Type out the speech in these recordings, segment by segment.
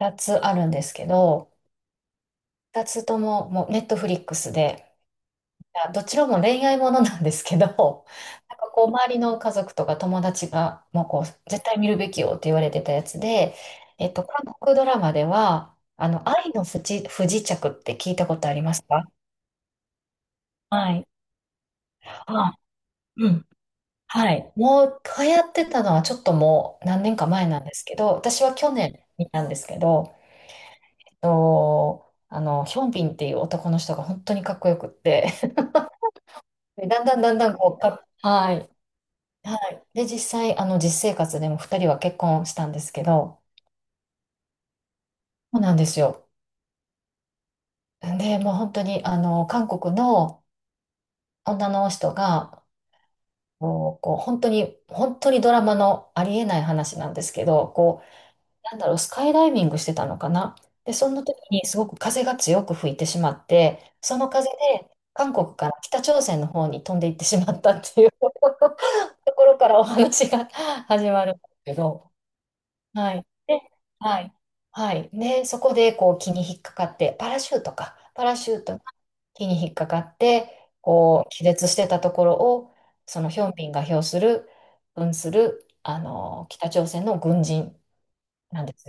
二つあるんですけど、二つとももうネットフリックスで、どちらも恋愛ものなんですけど、なんかこう周りの家族とか友達がもうこう絶対見るべきよって言われてたやつで、韓国ドラマでは、愛の不時着って聞いたことありますか？はい。あ、うん。はい。もう流行ってたのはちょっともう何年か前なんですけど、私は去年見たんですけど、ヒョンビンっていう男の人が本当にかっこよくって、でだんだんだんだんこうか、はい。はい。で、実際、実生活でも2人は結婚したんですけど、そうなんですよ。で、もう本当に、韓国の女の人が、こう、こう本当に、本当にドラマのありえない話なんですけど、こう、なんだろう、スカイダイビングしてたのかな。で、その時にすごく風が強く吹いてしまって、その風で、韓国から北朝鮮の方に飛んでいってしまったっていう ところからお話が始まるんですけど、はい。で、はい。はい。ね、そこでこう気に引っかかって、パラシュートか。パラシュートが気に引っかかって、こう、気絶してたところを、そのヒョンビンが表する、扮する、北朝鮮の軍人なんです。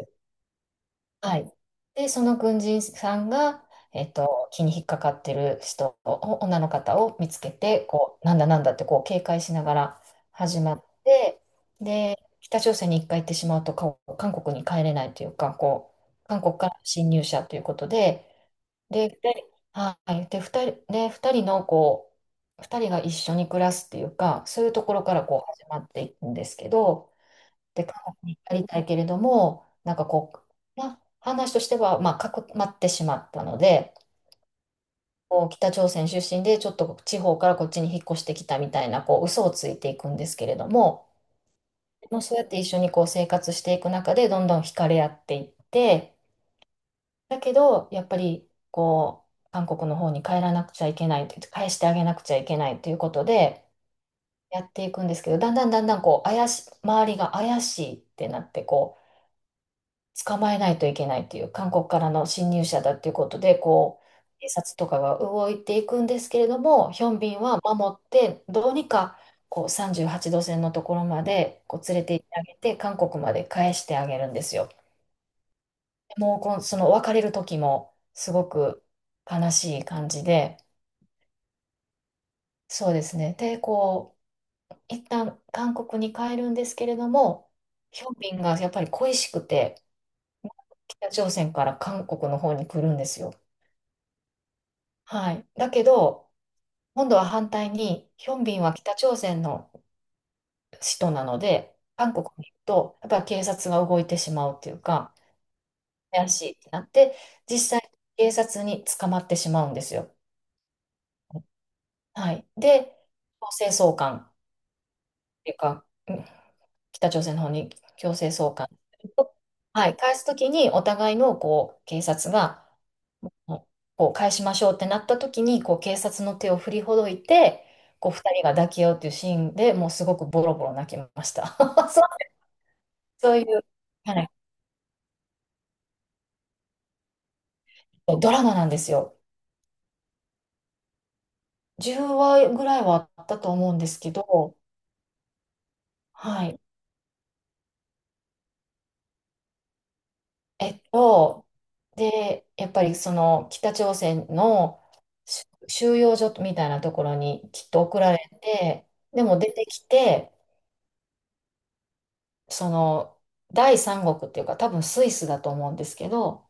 はい。で、その軍人さんが、気に引っかかってる人を、女の方を見つけて、こう、なんだなんだってこう警戒しながら始まって、で、北朝鮮に一回行ってしまうと、韓国に帰れないというか、こう、韓国から侵入者ということで、で、二人はい、で、二人、で、二人のこう、二人が一緒に暮らすっていうか、そういうところからこう始まっていくんですけど、で、韓国に至りたいけれども、なんかこう、まあ、話としては、まあ、かくまってしまったので、こう北朝鮮出身でちょっと地方からこっちに引っ越してきたみたいなこう嘘をついていくんですけれども、もうそうやって一緒にこう生活していく中でどんどん惹かれ合っていって、だけどやっぱりこう韓国の方に帰らなくちゃいけないという返してあげなくちゃいけないということでやっていくんですけど、だんだんだんだんこう周りが怪しいってなってこう。捕まえないといけないっていう、韓国からの侵入者だっていうことで、こう、警察とかが動いていくんですけれども、ヒョンビンは守って、どうにかこう38度線のところまでこう連れて行ってあげて、韓国まで返してあげるんですよ。もうこの、その別れる時もすごく悲しい感じで、そうですね。で、こう、一旦韓国に帰るんですけれども、ヒョンビンがやっぱり恋しくて、北朝鮮から韓国の方に来るんですよ。はい。だけど、今度は反対に、ヒョンビンは北朝鮮の首都なので、韓国に行くと、やっぱり警察が動いてしまうっていうか、怪しいってなって、実際、警察に捕まってしまうんですよ。はい。で、強制送還っていうか、北朝鮮の方に強制送還。はい。返すときに、お互いのこう警察が、こう返しましょうってなった時にこう警察の手を振りほどいてこう2人が抱き合うっていうシーンでもうすごくボロボロ泣きました。 そうそういう、はい、ドラマなんですよ。10話ぐらいはあったと思うんですけど。はい。えっとでやっぱりその北朝鮮の収容所みたいなところにきっと送られてでも出てきて、その第三国っていうか多分スイスだと思うんですけど、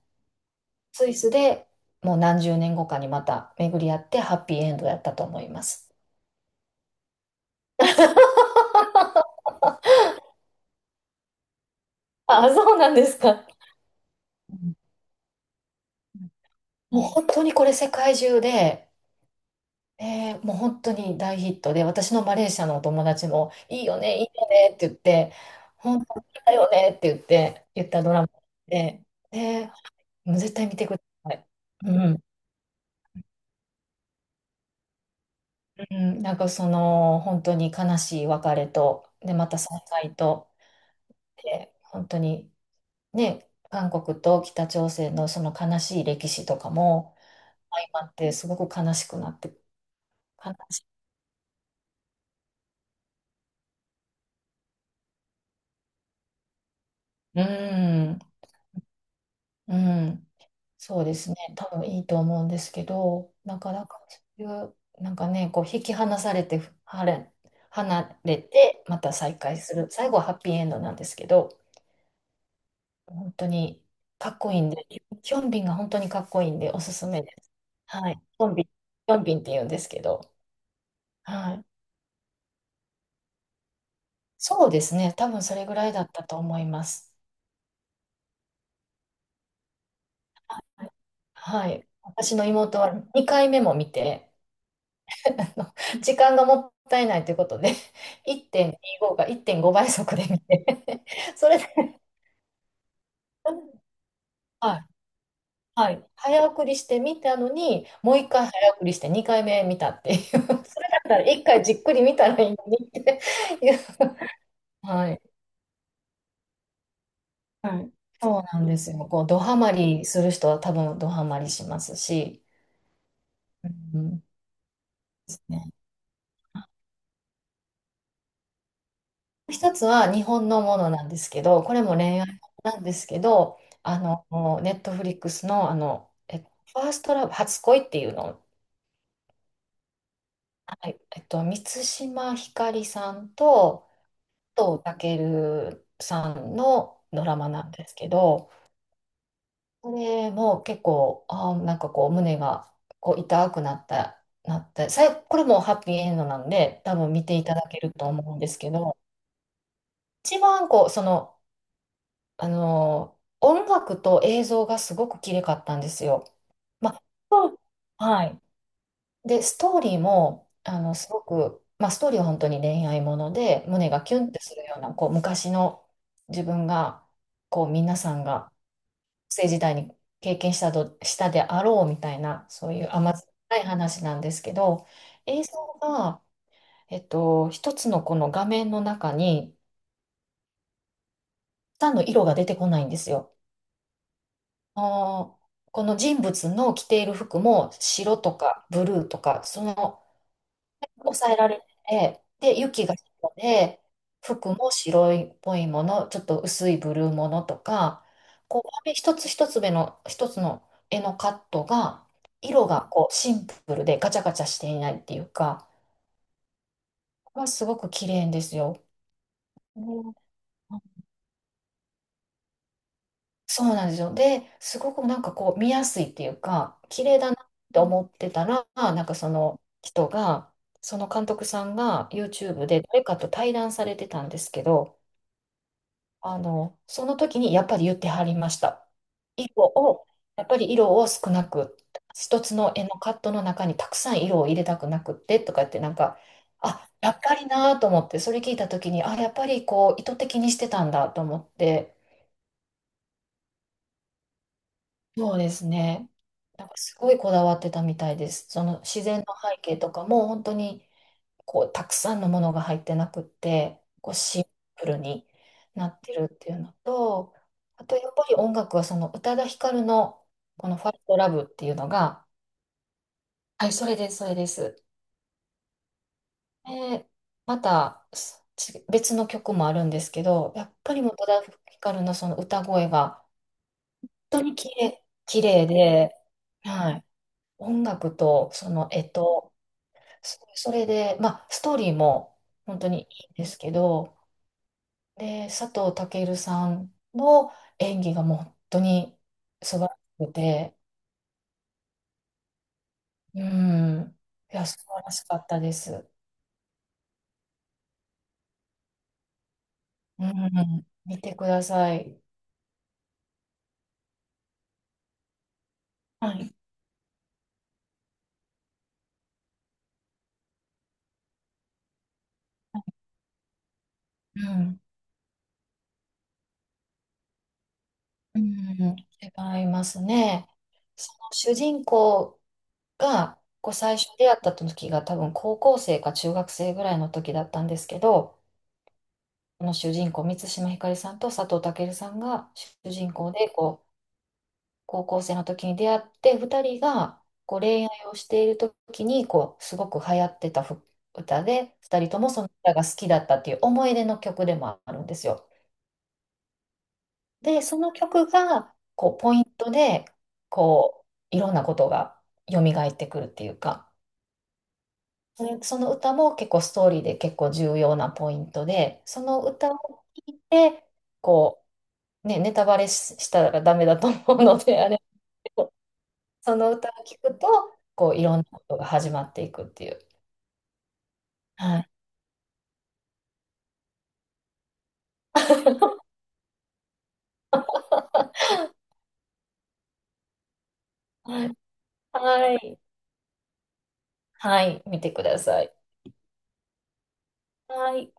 スイスでもう何十年後かにまた巡り合ってハッピーエンドやったと思います。あ、そうなんですか。うんもう本当にこれ世界中で、もう本当に大ヒットで、私のマレーシアのお友達も、いいよね、いいよねって言って、本当にだよねって言って、言ったドラマで、で、もう絶対見てください。うん、うん、なんかその、本当に悲しい別れと、で、また再会と、で、本当にね、韓国と北朝鮮のその悲しい歴史とかも相まってすごく悲しくなって、悲しい。うん、うん、そうですね。多分いいと思うんですけど、なかなかそういう、なんかね、こう引き離されて、離れて、また再会する。最後はハッピーエンドなんですけど、本当にかっこいいんで、ヒョンビンが本当にかっこいいんでおすすめです。はい。ヒョンビン、ヒョンビンって言うんですけど、はい。そうですね。多分それぐらいだったと思います。はい。私の妹は2回目も見て、あの時間がもったいないということで、1.25か1.5倍速で見て、それで、はい、はい、早送りして見たのに、もう1回早送りして2回目見たっていう。だから1回じっくり見たらいいのにっていう。はい。はい。そうなんですよ。こう、ドハマりする人は多分ドハマりしますし、うん、ね、一つは日本のものなんですけど、これも恋愛なんですけど、ネットフリックスの、ファーストラブ、初恋っていうのを、はい。満島ひかりさんと、藤健さんのドラマなんですけど、これも結構、なんかこう、胸がこう痛くなって、これもハッピーエンドなんで、多分見ていただけると思うんですけど、一番こう、その、音楽と映像がすごく綺麗かったんですよ。まあ、そう、はい。で、ストーリーも、すごく、まあ、ストーリーは本当に恋愛もので、胸がキュンってするような、こう、昔の自分が、こう、皆さんが、学生時代に経験したであろうみたいな、そういう甘酸っぱい話なんですけど、映像が、一つのこの画面の中に、たんの色が出てこないんですよ。あーこの人物の着ている服も白とかブルーとか、その抑えられてて、で、雪が白で、服も白いっぽいもの、ちょっと薄いブルーものとか、こう、紙一つ一つ目の、一つの絵のカットが、色がこうシンプルでガチャガチャしていないっていうか、これはすごく綺麗ですよ。うんそうなんですよ。で、すごくなんかこう見やすいっていうか、綺麗だなって思ってたら、なんかその人が、その監督さんが YouTube で誰かと対談されてたんですけど、その時にやっぱり言ってはりました。色を、やっぱり色を少なく、一つの絵のカットの中にたくさん色を入れたくなくってとかってなんか、あ、やっぱりなと思って、それ聞いた時に、あ、やっぱりこう意図的にしてたんだと思って、そうですね。なんかすごいこだわってたみたいです。その自然の背景とかも本当にこうたくさんのものが入ってなくって、こうシンプルになってるっていうのと、あとやっぱり音楽はその宇多田ヒカルのこの「ファイトラブ」っていうのが、はい、それです、それです。で、また別の曲もあるんですけど、やっぱりもう宇多田ヒカルのその歌声が本当に綺麗、綺麗で、はい。音楽と、その、それで、まあ、ストーリーも本当にいいんですけど、で、佐藤健さんの演技がもう本当に素晴らしくて、うん、いや、素晴らしかったです。うん、見てください。はい。うん、うん、違いますね。その主人公が、こう最初出会った時が多分高校生か中学生ぐらいの時だったんですけど、この主人公、満島ひかりさんと佐藤健さんが主人公で、こう、高校生の時に出会って、2人がこう恋愛をしている時に、こう、すごく流行ってた歌で、2人ともその歌が好きだったっていう思い出の曲でもあるんですよ。で、その曲が、こう、ポイントで、こう、いろんなことが蘇ってくるっていうか、その歌も結構ストーリーで結構重要なポイントで、その歌を聴いて、こう、ね、ネタバレしたらダメだと思うので、あれけど、その歌を聴くと、こう、いろんなことが始まっていくっていう。はい。はい。はい。はい見てください。はい。